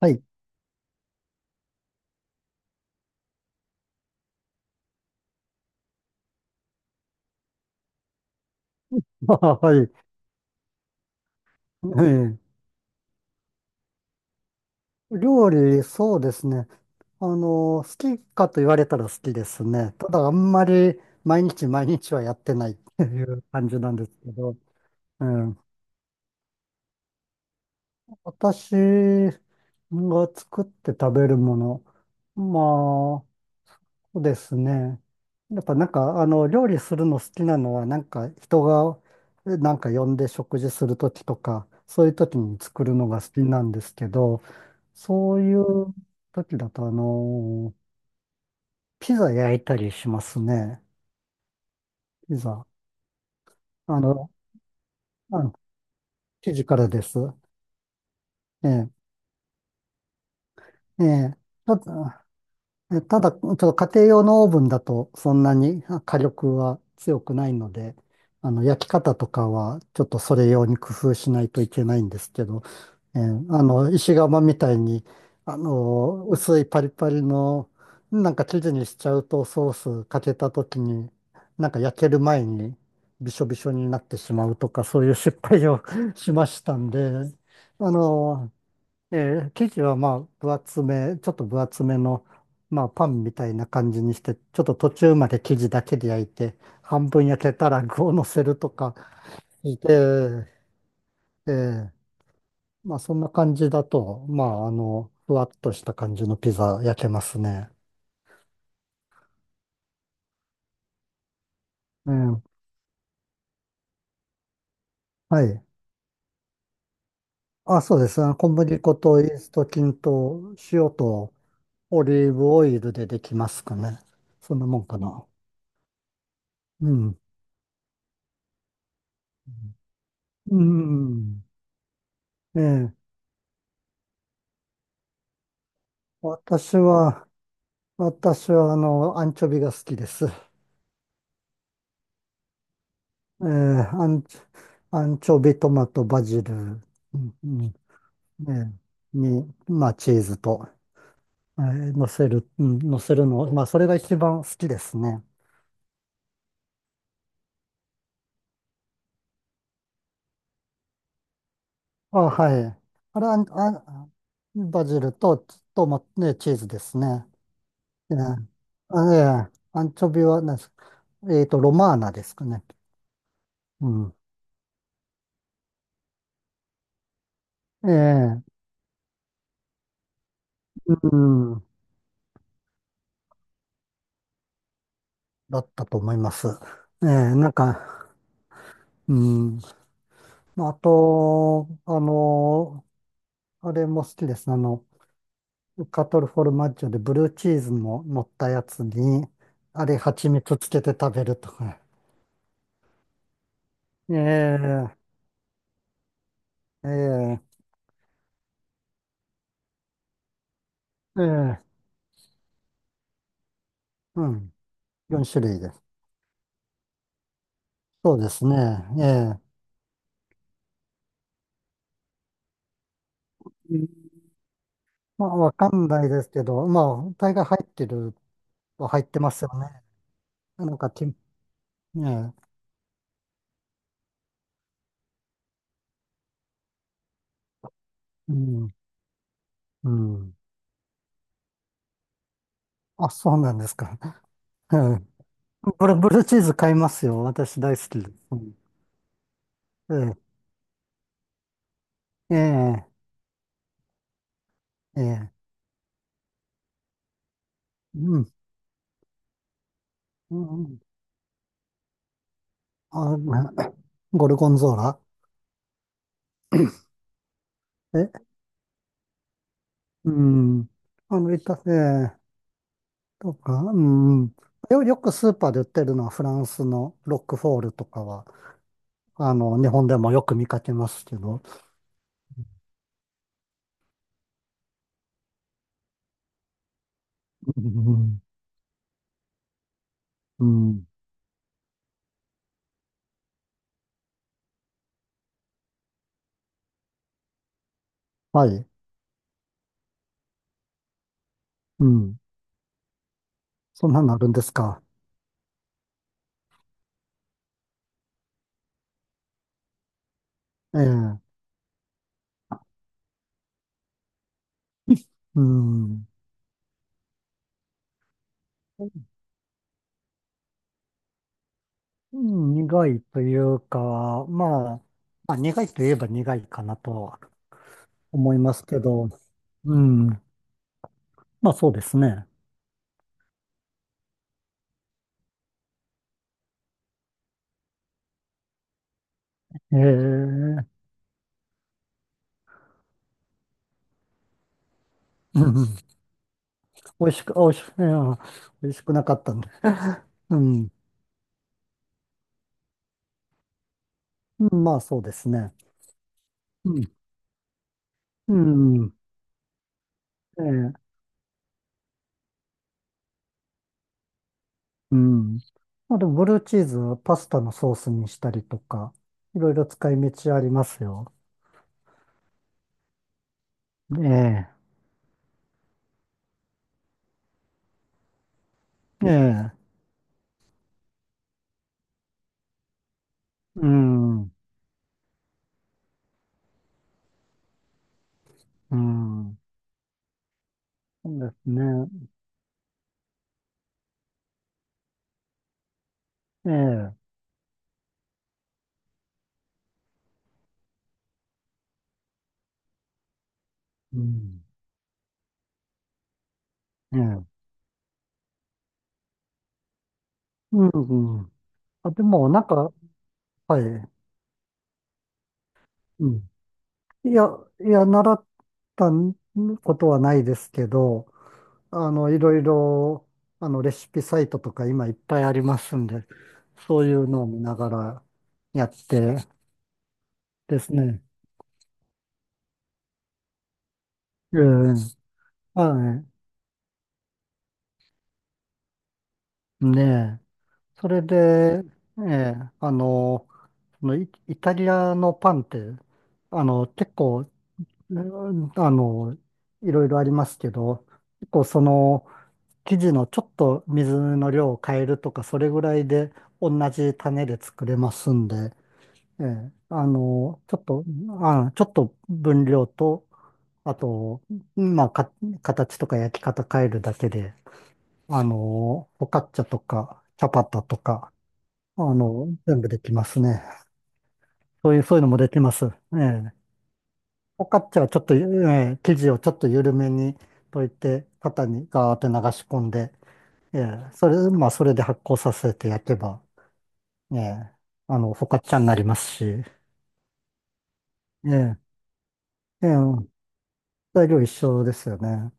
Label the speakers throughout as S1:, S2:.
S1: はい。はい。ええ料理、そうですね。好きかと言われたら好きですね。ただ、あんまり毎日毎日はやってないっていう感じなんですけど、うん、私が作って食べるもの、そうですね。やっぱ料理するの好きなのは、なんか人が、なんか呼んで食事するときとか、そういうときに作るのが好きなんですけど、そういうときだと、ピザ焼いたりしますね。ピザ。あの、あの、生地からです。ええ、ええ。ちょっとただ、ちょっと家庭用のオーブンだとそんなに火力は強くないので、あの、焼き方とかはちょっとそれ用に工夫しないといけないんですけど、石窯みたいに、あの、薄いパリパリの、なんか生地にしちゃうとソースかけた時に、なんか焼ける前にびしょびしょになってしまうとか、そういう失敗を しましたんで、あの、え生地はまあ分厚め、ちょっと分厚めの、まあパンみたいな感じにして、ちょっと途中まで生地だけで焼いて、半分焼けたら具を乗せるとか、いえーえーまあそんな感じだと、あの、ふわっとした感じのピザ焼けますね。うん。はい。あ、そうですね。小麦粉とイースト菌と塩とオリーブオイルでできますかね。そんなもんかな。うん。うん。ええ。私は、私は、あの、アンチョビが好きです。ー、アンチ、アンチョビ、トマト、バジル、んうんねに、まあ、チーズと、乗せるの、まあ、それが一番好きですね。あ、はい。あれ、あん、あ、バジルと、チーズですね。えー、あ、アンチョビは、なんですえっと、ロマーナですかね。うん。ええうん、だったと思います。ええなんか、うん。まあ、あと、あの、あれも好きですね。あの、カトルフォルマッジョでブルーチーズも乗ったやつに、あれ、蜂蜜つけて食べるとか。ええ。ええ。ええ。うん。4種類です。そうですね。ええうんまあ、わかんないですけど、まあ、大概入ってるは入ってますよね。なんかき、ええ。うん、うん。あ、そうなんですか。これブル、ブルーチーズ買いますよ。私大好きです。うん。ええ、ええ、うん、うん、あ、まゴルゴンゾーラ。え、うん、ええ、とか、うん、よくスーパーで売ってるのはフランスのロックフォールとかは、あの、日本でもよく見かけますけど、うん、うん、うん。はい、うん、そんなのあるんですか。ええ、うん、うん。苦いというか、苦いといえば苦いかなとは思いますけど、うん。まあそうですね。ええうんうん。美味しく、あ美味しく、いや美味しくなかったんで。うん。うん。まあそうですね。うん。うん。ええうん。まあでもブルーチーズはパスタのソースにしたりとか、いろいろ使い道ありますよ。ええ。ええ。うん。うん。そうですね。ええ。うん。ええ。うん。あ、でもなんか、はい。うん。いや、いや、習ったことはないですけど、あの、いろいろ、あの、レシピサイトとか今いっぱいありますんで、そういうのを見ながらやってですね。ええ、はい。ねえ。それで、ええ、あの、イタリアのパンって、あの、結構、うんあの、いろいろありますけど、結構その、生地のちょっと水の量を変えるとか、それぐらいで同じ種で作れますんで、ええ、あの、ちょっと、ちょっと分量と、あと、まあ、か、形とか焼き方変えるだけで、あの、フォカッチャとか、チャパタとか、あの、全部できますね。そういうのもできます。ええ。フォカッチャはちょっと、ええ、生地をちょっと緩めに溶いて、型にガーって流し込んで、ええ、それ、まあ、それで発酵させて焼けば、ええ、フォカッチャになりますし、ええ、ええ、材料一緒ですよね。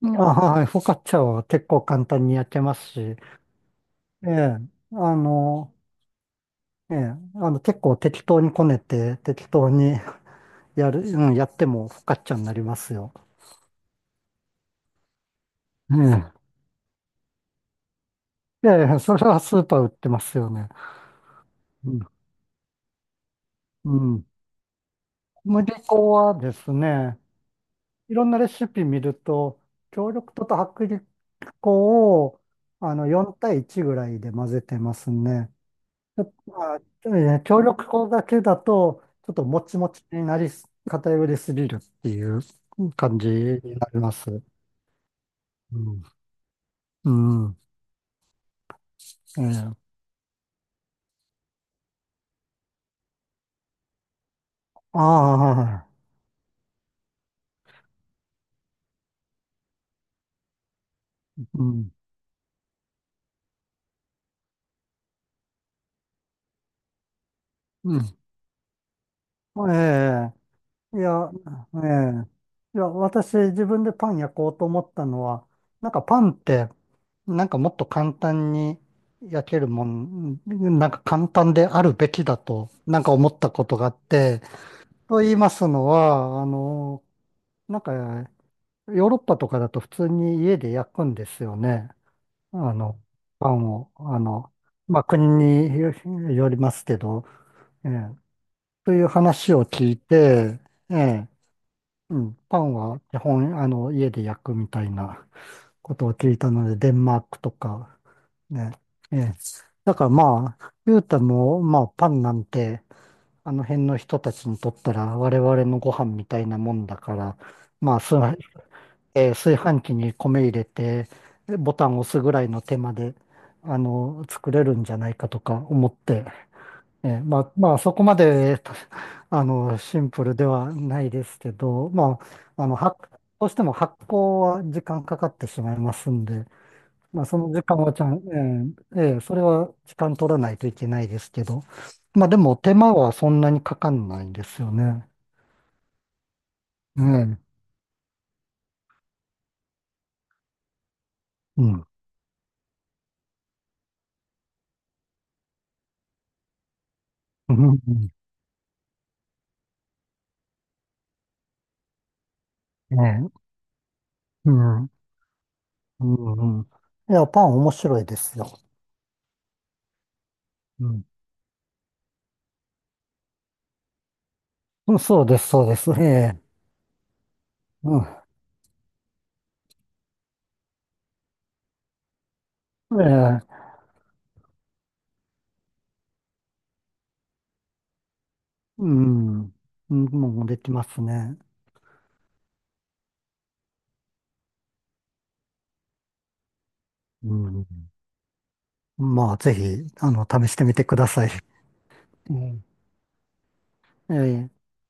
S1: うんあ、はい、フォカッチャは結構簡単に焼けますし、ええ、あの、ええ、あの、結構適当にこねて、適当に やる、うん、やってもフォカッチャになりますよ。ええ、ええ、それはスーパー売ってますよね。うん、うん。小麦粉はですね、いろんなレシピ見ると、強力粉と薄力粉をあの4対1ぐらいで混ぜてますね。ちょっとまあ、えー強力粉だけだと、ちょっともちもちになりす、偏りすぎるっていう感じになります。うん。うん。ええ。ああ、うん。うん。いや、ええ。いや、私自分でパン焼こうと思ったのは、なんかパンって、なんかもっと簡単に焼けるもん、なんか簡単であるべきだと、なんか思ったことがあって、と言いますのは、ヨーロッパとかだと普通に家で焼くんですよね。あの、パンを、あの、まあ、国によりますけど、ええ、という話を聞いて、ええうん、パンは基本、あの、家で焼くみたいなことを聞いたので、デンマークとか、ね。ええ。だからまあ、言うたも、まあ、パンなんて、あの辺の人たちにとったら、我々のご飯みたいなもんだから、まあ、炊い。えー炊飯器に米入れて、ボタンを押すぐらいの手間で、あの、作れるんじゃないかとか思って、ええ、そこまで、あの、シンプルではないですけど、あ、あの、発、どうしても発酵は時間かかってしまいますんで、まあ、その時間はちゃん、ええ、それは時間取らないといけないですけど、まあ、でも手間はそんなにかかんないんですよね。ええ、うん、うん、うん。ええ、うん、うん、うん。いや、パン面白いですよ。うん、うん。そうです、そうです。ええ、うん、ええ、うん。うん、もうできますね。うん。まあ、ぜひ、あの、試してみてください。うん。ええ。